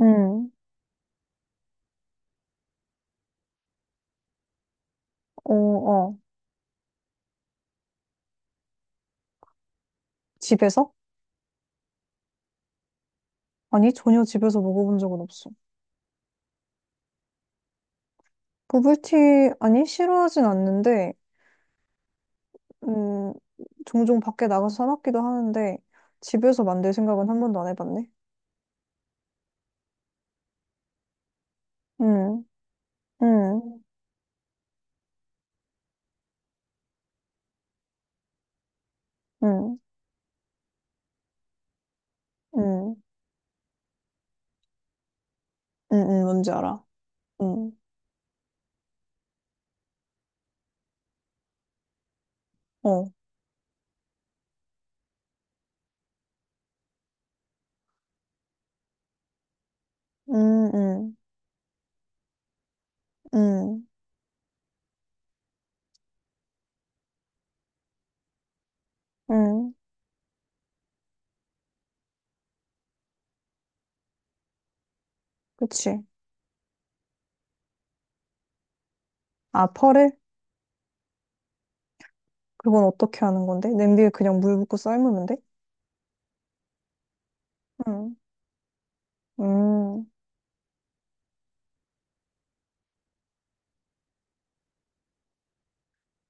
응, 어, 어. 집에서? 아니, 전혀 집에서 먹어본 적은 없어. 버블티, 아니, 싫어하진 않는데, 음, 종종 밖에 나가서 사 먹기도 하는데, 집에서 만들 생각은 한 번도 안 해봤네. 응, 응, 응, 응, 응, 응, 응, 뭔지 알아. 응, 어, 응, 응, 응, 응, 그치. 아, 펄을? 그건 어떻게 하는 건데? 냄비에 그냥 물 붓고 삶으면 돼? 응, 응.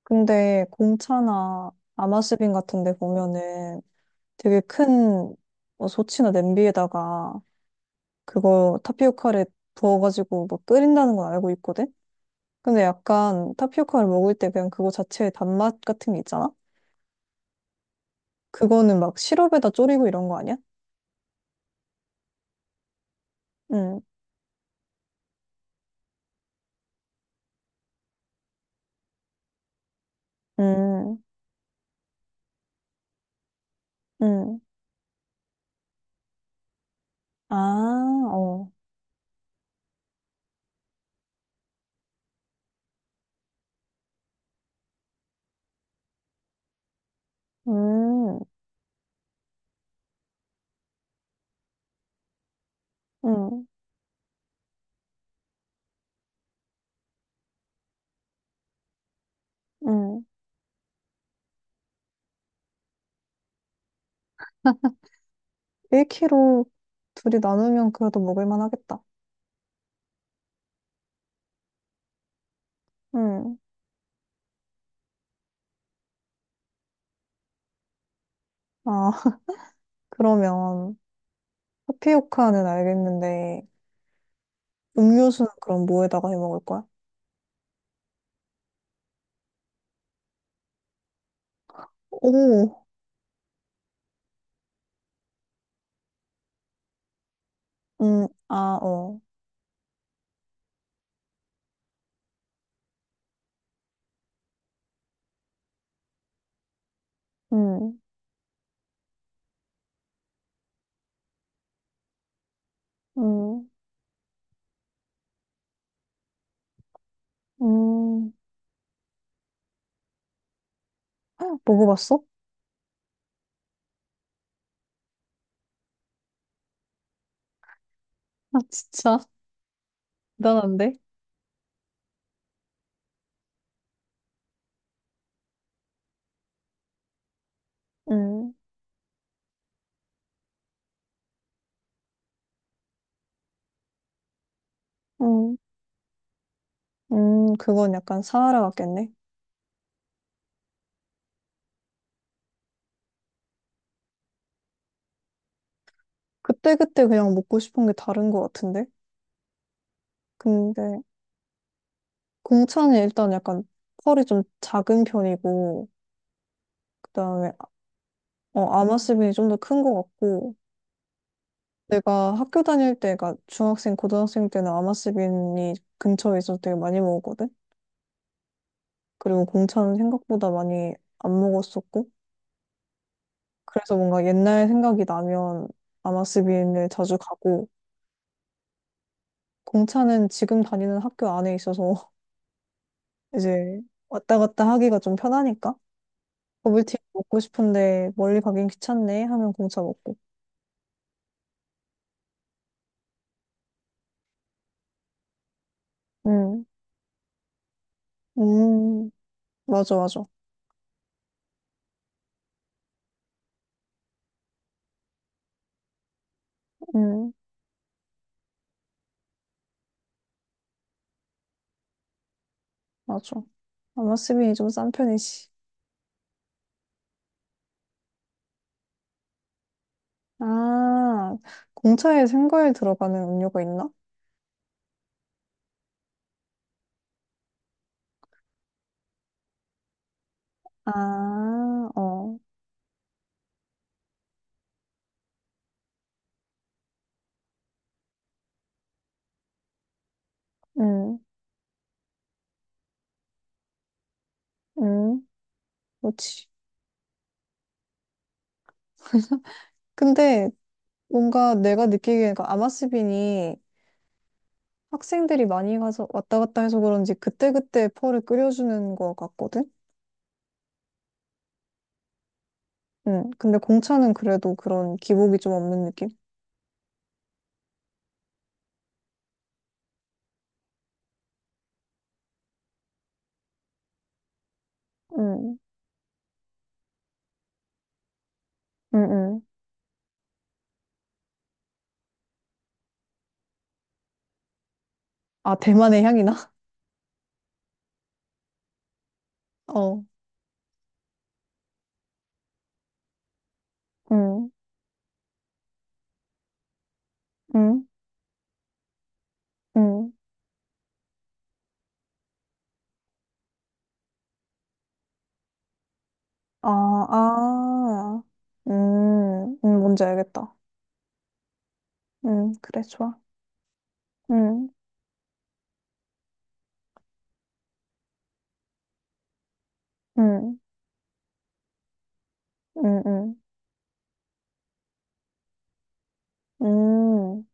근데 공차나 아마스빈 같은 데 보면은 되게 큰뭐치나 냄비에다가 그거 타피오카를 부어가지고 막 끓인다는 건 알고 있거든? 근데 약간 타피오카를 먹을 때 그냥 그거 자체의 단맛 같은 게 있잖아? 그거는 막 시럽에다 졸이고 이런 거 아니야? 응, 응, 응. 아, 어. 음, 응, 응. 1kg 둘이 나누면 그래도 먹을 만하겠다. 응. 아, 그러면. 타피오카는 알겠는데, 음료수는 그럼 뭐에다가 해 먹을 거야? 오, 아, 어, 음, 음, 음. 헉, 먹어봤어? 아, 진짜, 대단한데? 음, 음, 그건 약간 사하라 같겠네. 그때그때 그냥 먹고 싶은 게 다른 것 같은데? 근데, 공차는 일단 약간 펄이 좀 작은 편이고, 그 다음에, 어, 아마스빈이 좀 더 큰 것 같고, 내가 학교 다닐 때가 중학생, 고등학생 때는 아마스빈이 근처에 있어서 되게 많이 먹었거든? 그리고 공차는 생각보다 많이 안 먹었었고, 그래서 뭔가 옛날 생각이 나면 아마스빈을 자주 가고, 공차는 지금 다니는 학교 안에 있어서 이제 왔다 갔다 하기가 좀 편하니까, 버블티 먹고 싶은데 멀리 가긴 귀찮네 하면 공차 먹고. 음, 음, 맞아, 맞아. 음, 맞아. 아마스빈이 좀 싼 편이지. 아, 공차에 생과일 들어가는 음료가 있나? 아, 어, 음, 음, 그렇지. 근데 뭔가 내가 느끼기에는 그 아마스빈이 학생들이 많이 가서 왔다 갔다 해서 그런지 그때그때 펄을 끓여주는 것 같거든? 근데 공차는 그래도 그런 기복이 좀 없는 느낌? 음, 음, 음. 아, 대만의 향이나? 어, 음, 음, 음. 아, 아, 뭔지 알겠다. 그래, 좋아. 음, 음, 음, 음, 음.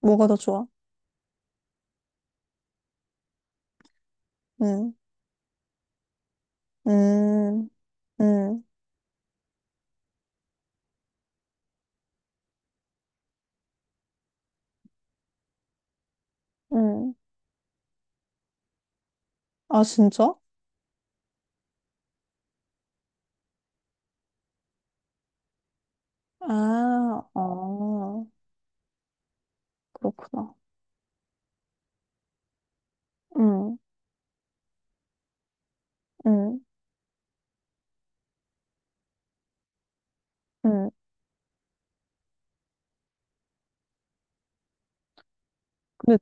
뭐가 더 좋아? 음, 음, 음, 음. 아, 진짜? 아, 어, 그렇구나. 음, 음, 음. 근데,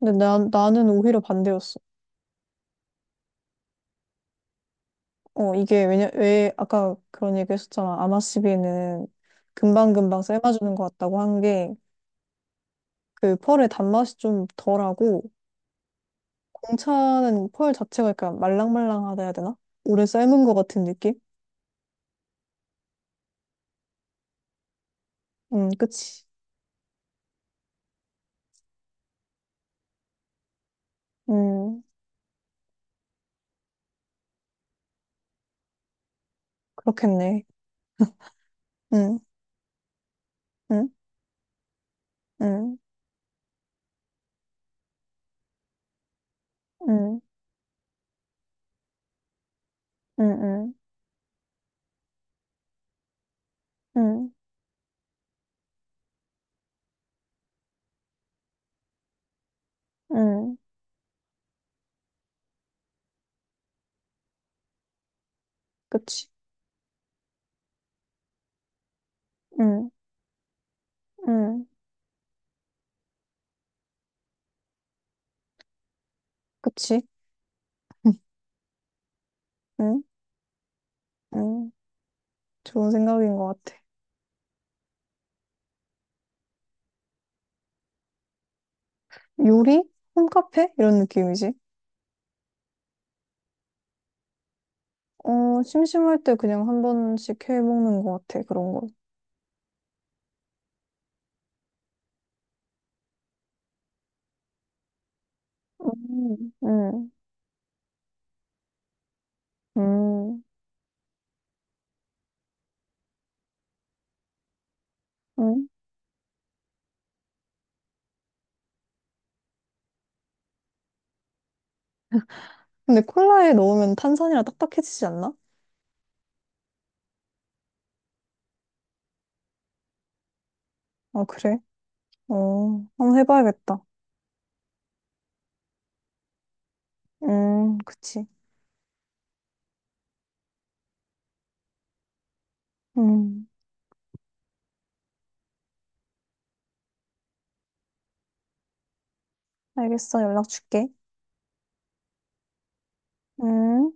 근데 나는 오히려 반대였어. 어, 이게 왜 아까 그런 얘기 했었잖아. 아마시비는 금방금방 삶아주는 것 같다고 한 게, 그 펄의 단맛이 좀 덜하고, 공차는 펄 자체가 약간 말랑말랑하다 해야 되나? 오래 삶은 것 같은 느낌? 그치. 음, 그렇겠네. 음, 음, 음, 음, 음, 음, 음, 음, 그치. 음, 음, 그치. 음, 음, 좋은 생각인 것 같아. 요리? 홈카페? 이런 느낌이지. 어, 심심할 때 그냥 한 번씩 해 먹는 것 같아, 그런 거. 음, 음, 음, 음. 근데 콜라에 넣으면 탄산이라 딱딱해지지 않나? 아, 그래? 어, 한번 해봐야겠다. 그치. 음. 알겠어. 연락 줄게. 응?